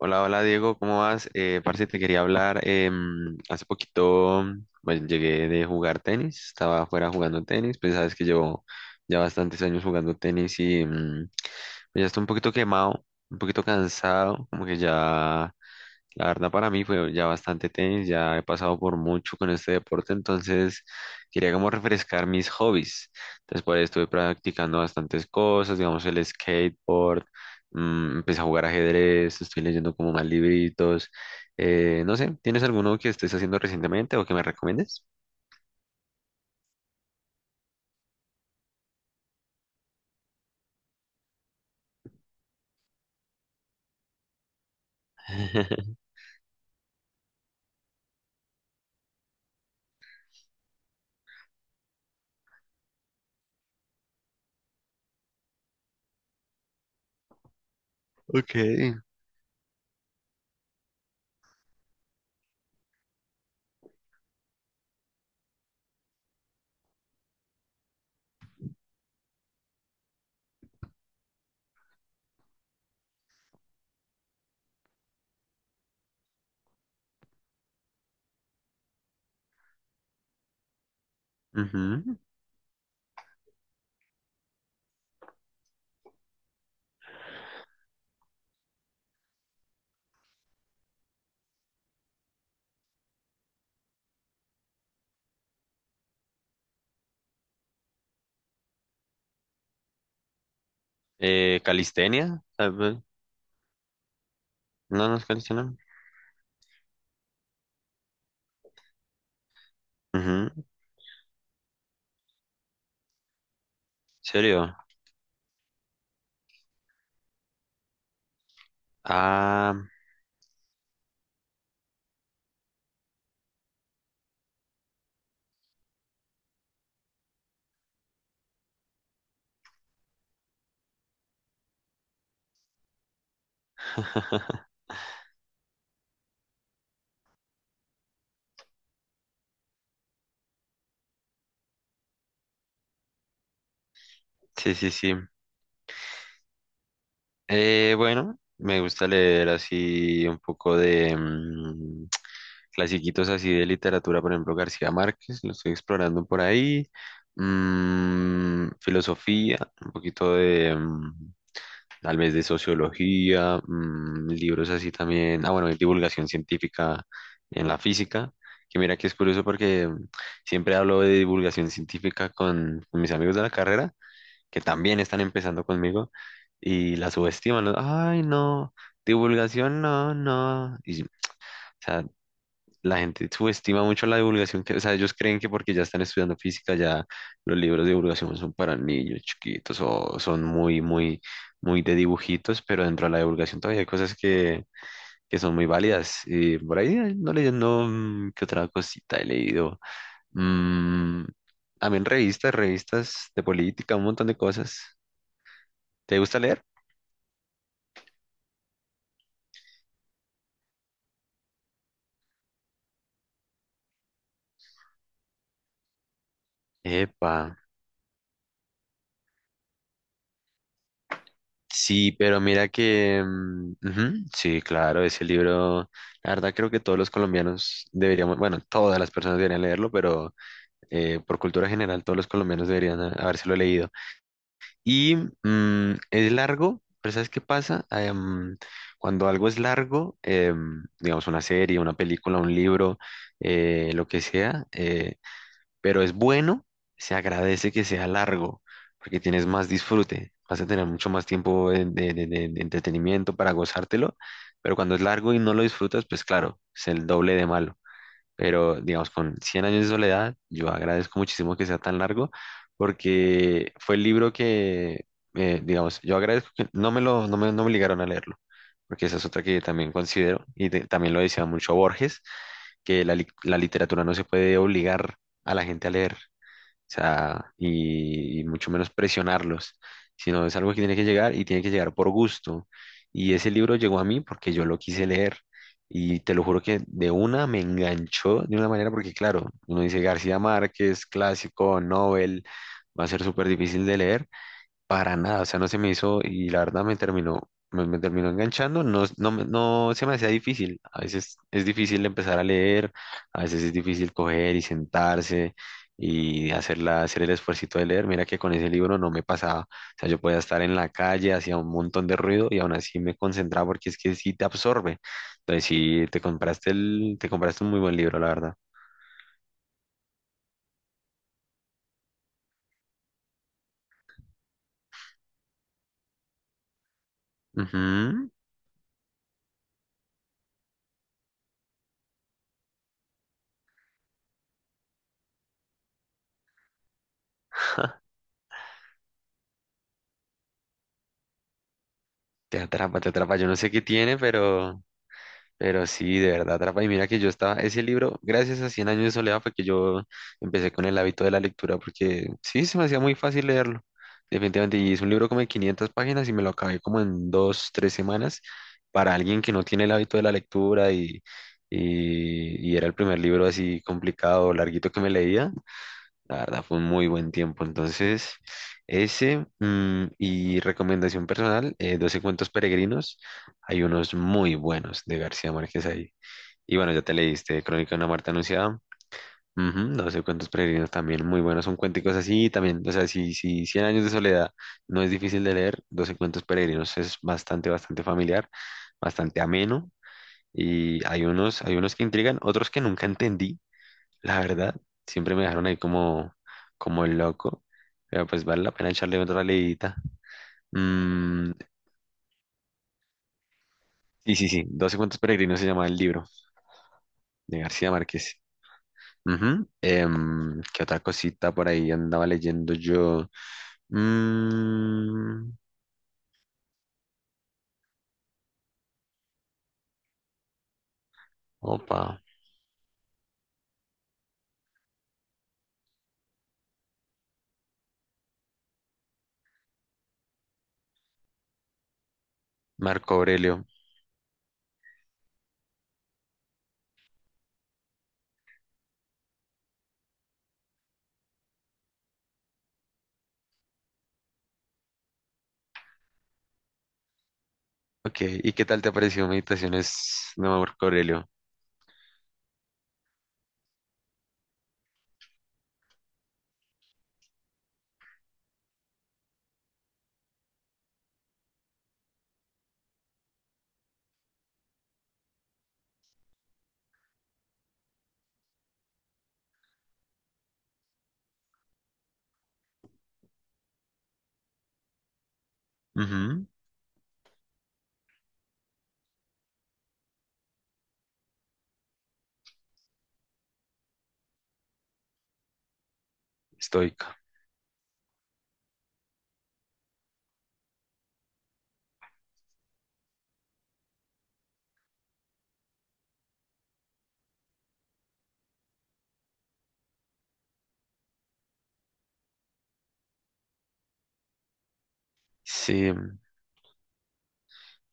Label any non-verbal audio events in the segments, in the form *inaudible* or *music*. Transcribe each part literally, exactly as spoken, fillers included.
Hola, hola Diego, ¿cómo vas? Eh, parce, te quería hablar. Em, hace poquito, bueno, llegué de jugar tenis, estaba afuera jugando tenis, pues sabes que llevo ya bastantes años jugando tenis y mm, pues, ya estoy un poquito quemado, un poquito cansado, como que ya la verdad para mí fue ya bastante tenis, ya he pasado por mucho con este deporte, entonces quería como refrescar mis hobbies. Después estuve practicando bastantes cosas, digamos el skateboard, mm, empecé a jugar ajedrez, estoy leyendo como más libritos. Eh, no sé, ¿tienes alguno que estés haciendo recientemente o que me recomiendes? *laughs* Okay. Ujú. Eh, calistenia, tal vez. No, no es calistenia. Ujú. ¿En serio? Ah, *laughs* sí, sí, sí. Eh, bueno, me gusta leer así un poco de mm, clasiquitos así de literatura, por ejemplo, García Márquez, lo estoy explorando por ahí. Mm, filosofía, un poquito de mm, tal vez de sociología, mm, libros así también. Ah, bueno, de divulgación científica en la física, que mira que es curioso porque mm, siempre hablo de divulgación científica con con mis amigos de la carrera que también están empezando conmigo y la subestiman, ¿no? Ay, no, divulgación, no, no. Y, o sea, la gente subestima mucho la divulgación, que, o sea, ellos creen que porque ya están estudiando física, ya los libros de divulgación son para niños chiquitos o son muy, muy, muy de dibujitos, pero dentro de la divulgación todavía hay cosas que, que son muy válidas. Y por ahí eh, no leyendo, mm, ¿qué otra cosita he leído? Mm, También revistas, revistas de política, un montón de cosas. ¿Te gusta leer? Epa, sí, pero mira que, mm, ujú, sí, claro, ese libro, la verdad creo que todos los colombianos deberíamos, bueno, todas las personas deberían leerlo, pero eh, por cultura general todos los colombianos deberían ha- habérselo leído. Y mm, es largo, pero ¿sabes qué pasa? Ah, em, cuando algo es largo, em, digamos una serie, una película, un libro, eh, lo que sea, eh, pero es bueno, se agradece que sea largo, porque tienes más disfrute, vas a tener mucho más tiempo de, de- de- de- de entretenimiento para gozártelo, pero cuando es largo y no lo disfrutas, pues claro, es el doble de malo. Pero, digamos, con Cien años de soledad, yo agradezco muchísimo que sea tan largo, porque fue el libro que, eh, digamos, yo agradezco que no me lo, no me, no me obligaron a leerlo, porque esa es otra que también considero, y de- también lo decía mucho Borges, que la, li- la literatura no se puede obligar a la gente a leer, sea, y, y mucho menos presionarlos, sino es algo que tiene que llegar y tiene que llegar por gusto. Y ese libro llegó a mí porque yo lo quise leer, y te lo juro que de una me enganchó de una manera, porque claro, uno dice García Márquez, clásico, Nobel, va a ser súper difícil de leer, para nada, o sea, no se me hizo, y la verdad me terminó, me, me terminó enganchando, no, no, me- no se me hacía difícil, a veces es difícil empezar a leer, a veces es difícil coger y sentarse y hacer, la, hacer el esfuercito de leer, mira que con ese libro no me pasaba, o sea, yo podía estar en la calle, hacía un montón de ruido y aún así me concentraba porque es que sí te absorbe, entonces sí, te compraste el, te compraste un muy buen libro, la verdad. Ujú. *laughs* Te atrapa, te atrapa, yo no sé qué tiene, pero. Pero sí, de verdad, atrapa. Y mira que yo estaba, ese libro, gracias a Cien años de soledad, fue que yo empecé con el hábito de la lectura, porque sí, se me hacía muy fácil leerlo, definitivamente. Y es un libro como de quinientas páginas y me lo acabé como en dos, tres semanas. Para alguien que no tiene el hábito de la lectura y y, y era el primer libro así complicado, larguito que me leía, la verdad fue un muy buen tiempo. Entonces, ese mm, y recomendación personal, eh, doce cuentos peregrinos. Hay unos muy buenos de García Márquez ahí. Y bueno, ya te leíste Crónica de una Marta Anunciada. Ujú, doce cuentos peregrinos también muy buenos. Son cuenticos así también. O sea, si, si Cien años de soledad no es difícil de leer, doce cuentos peregrinos es bastante, bastante familiar, bastante ameno. Y hay unos, hay unos que intrigan, otros que nunca entendí, la verdad, siempre me dejaron ahí como, como el loco, pero pues vale la pena echarle otra leidita. Mm, y sí, sí, doce cuentos peregrinos se llama el libro de García Márquez. Ujú, em, ¿qué otra cosita por ahí andaba leyendo yo? Mm, opa, Marco Aurelio. Ok, ¿y qué tal te ha parecido Meditaciones de Marco Aurelio? Ujú, estoica. Sí,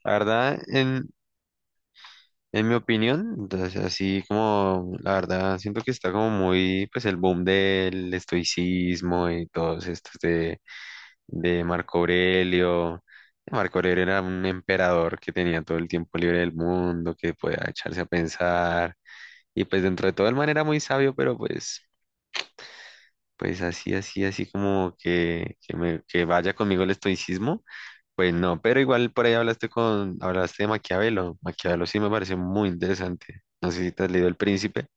la verdad, en, En mi opinión, entonces así como la verdad siento que está como muy pues el boom del estoicismo y todos estos de, de Marco Aurelio. Marco Aurelio era un emperador que tenía todo el tiempo libre del mundo, que podía echarse a pensar y pues dentro de todo el man era muy sabio, pero pues pues así así así como que que, me- que vaya conmigo el estoicismo. Pues no, pero igual por ahí hablaste con, hablaste de Maquiavelo. Maquiavelo sí me pareció muy interesante. No sé si te has leído El Príncipe.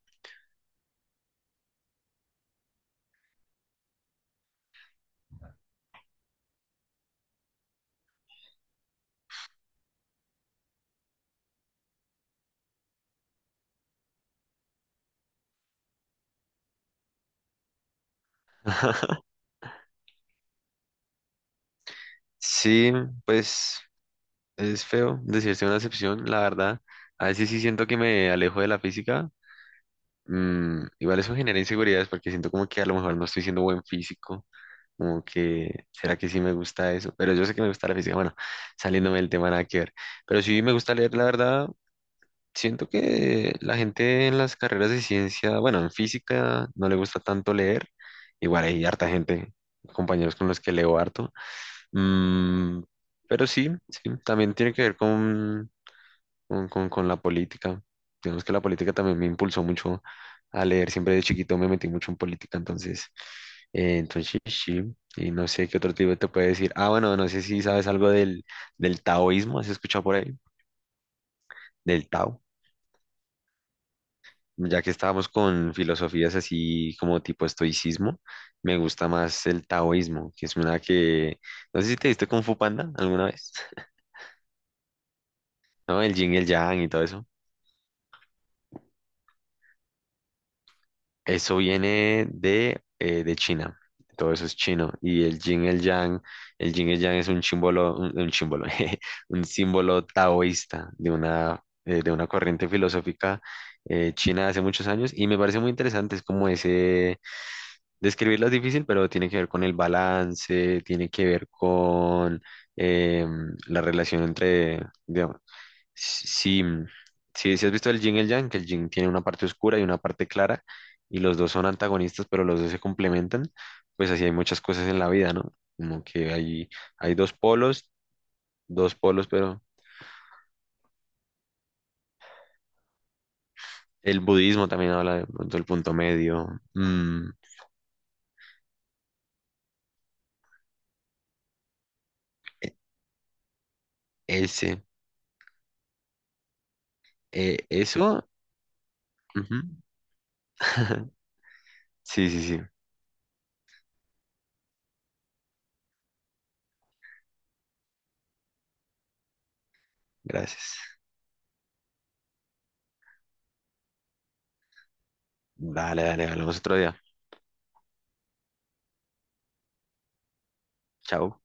*laughs* Sí, pues es feo decirse una excepción, la verdad. A veces sí siento que me alejo de la física. Mm, igual eso genera inseguridades porque siento como que a lo mejor no estoy siendo buen físico. Como que, ¿será que sí me gusta eso? Pero yo sé que me gusta la física. Bueno, saliéndome del tema nada que ver. Pero sí me gusta leer, la verdad. Siento que la gente en las carreras de ciencia, bueno, en física no le gusta tanto leer. Igual hay harta gente, compañeros con los que leo harto. Mm, pero sí, sí, también tiene que ver con, con, con- con la política. Digamos que la política también me impulsó mucho a leer. Siempre de chiquito me metí mucho en política, entonces, eh, entonces sí. Y no sé qué otro tipo te puede decir. Ah, bueno, no sé si sabes algo del, del taoísmo, ¿has escuchado por ahí? Del Tao. Ya que estábamos con filosofías así como tipo estoicismo, me gusta más el taoísmo, que es una que, no sé si te diste Kung Fu Panda alguna vez, *laughs* ¿no? El yin y el yang y todo eso. Eso viene de, eh, de China, todo eso es chino. Y el yin el yang, el yin el yang es un símbolo, un, un símbolo, *laughs* jeje, un símbolo taoísta de una, eh, de una corriente filosófica eh, china de hace muchos años y me parece muy interesante, es como ese. Describirla es difícil, pero tiene que ver con el balance, tiene que ver con em, la relación entre, digamos, si, si, si si has visto el yin y el yang, que el yin tiene una parte oscura y una parte clara, y los dos son antagonistas, pero los dos se complementan, pues así hay muchas cosas en la vida, ¿no? Como que hay, hay dos polos, dos polos, pero el budismo también habla de pronto del punto medio. mm, e- ese, eh, eso. Ujú. *laughs* Sí, sí, sí, gracias. Dale, dale, hablamos otro día. Chao.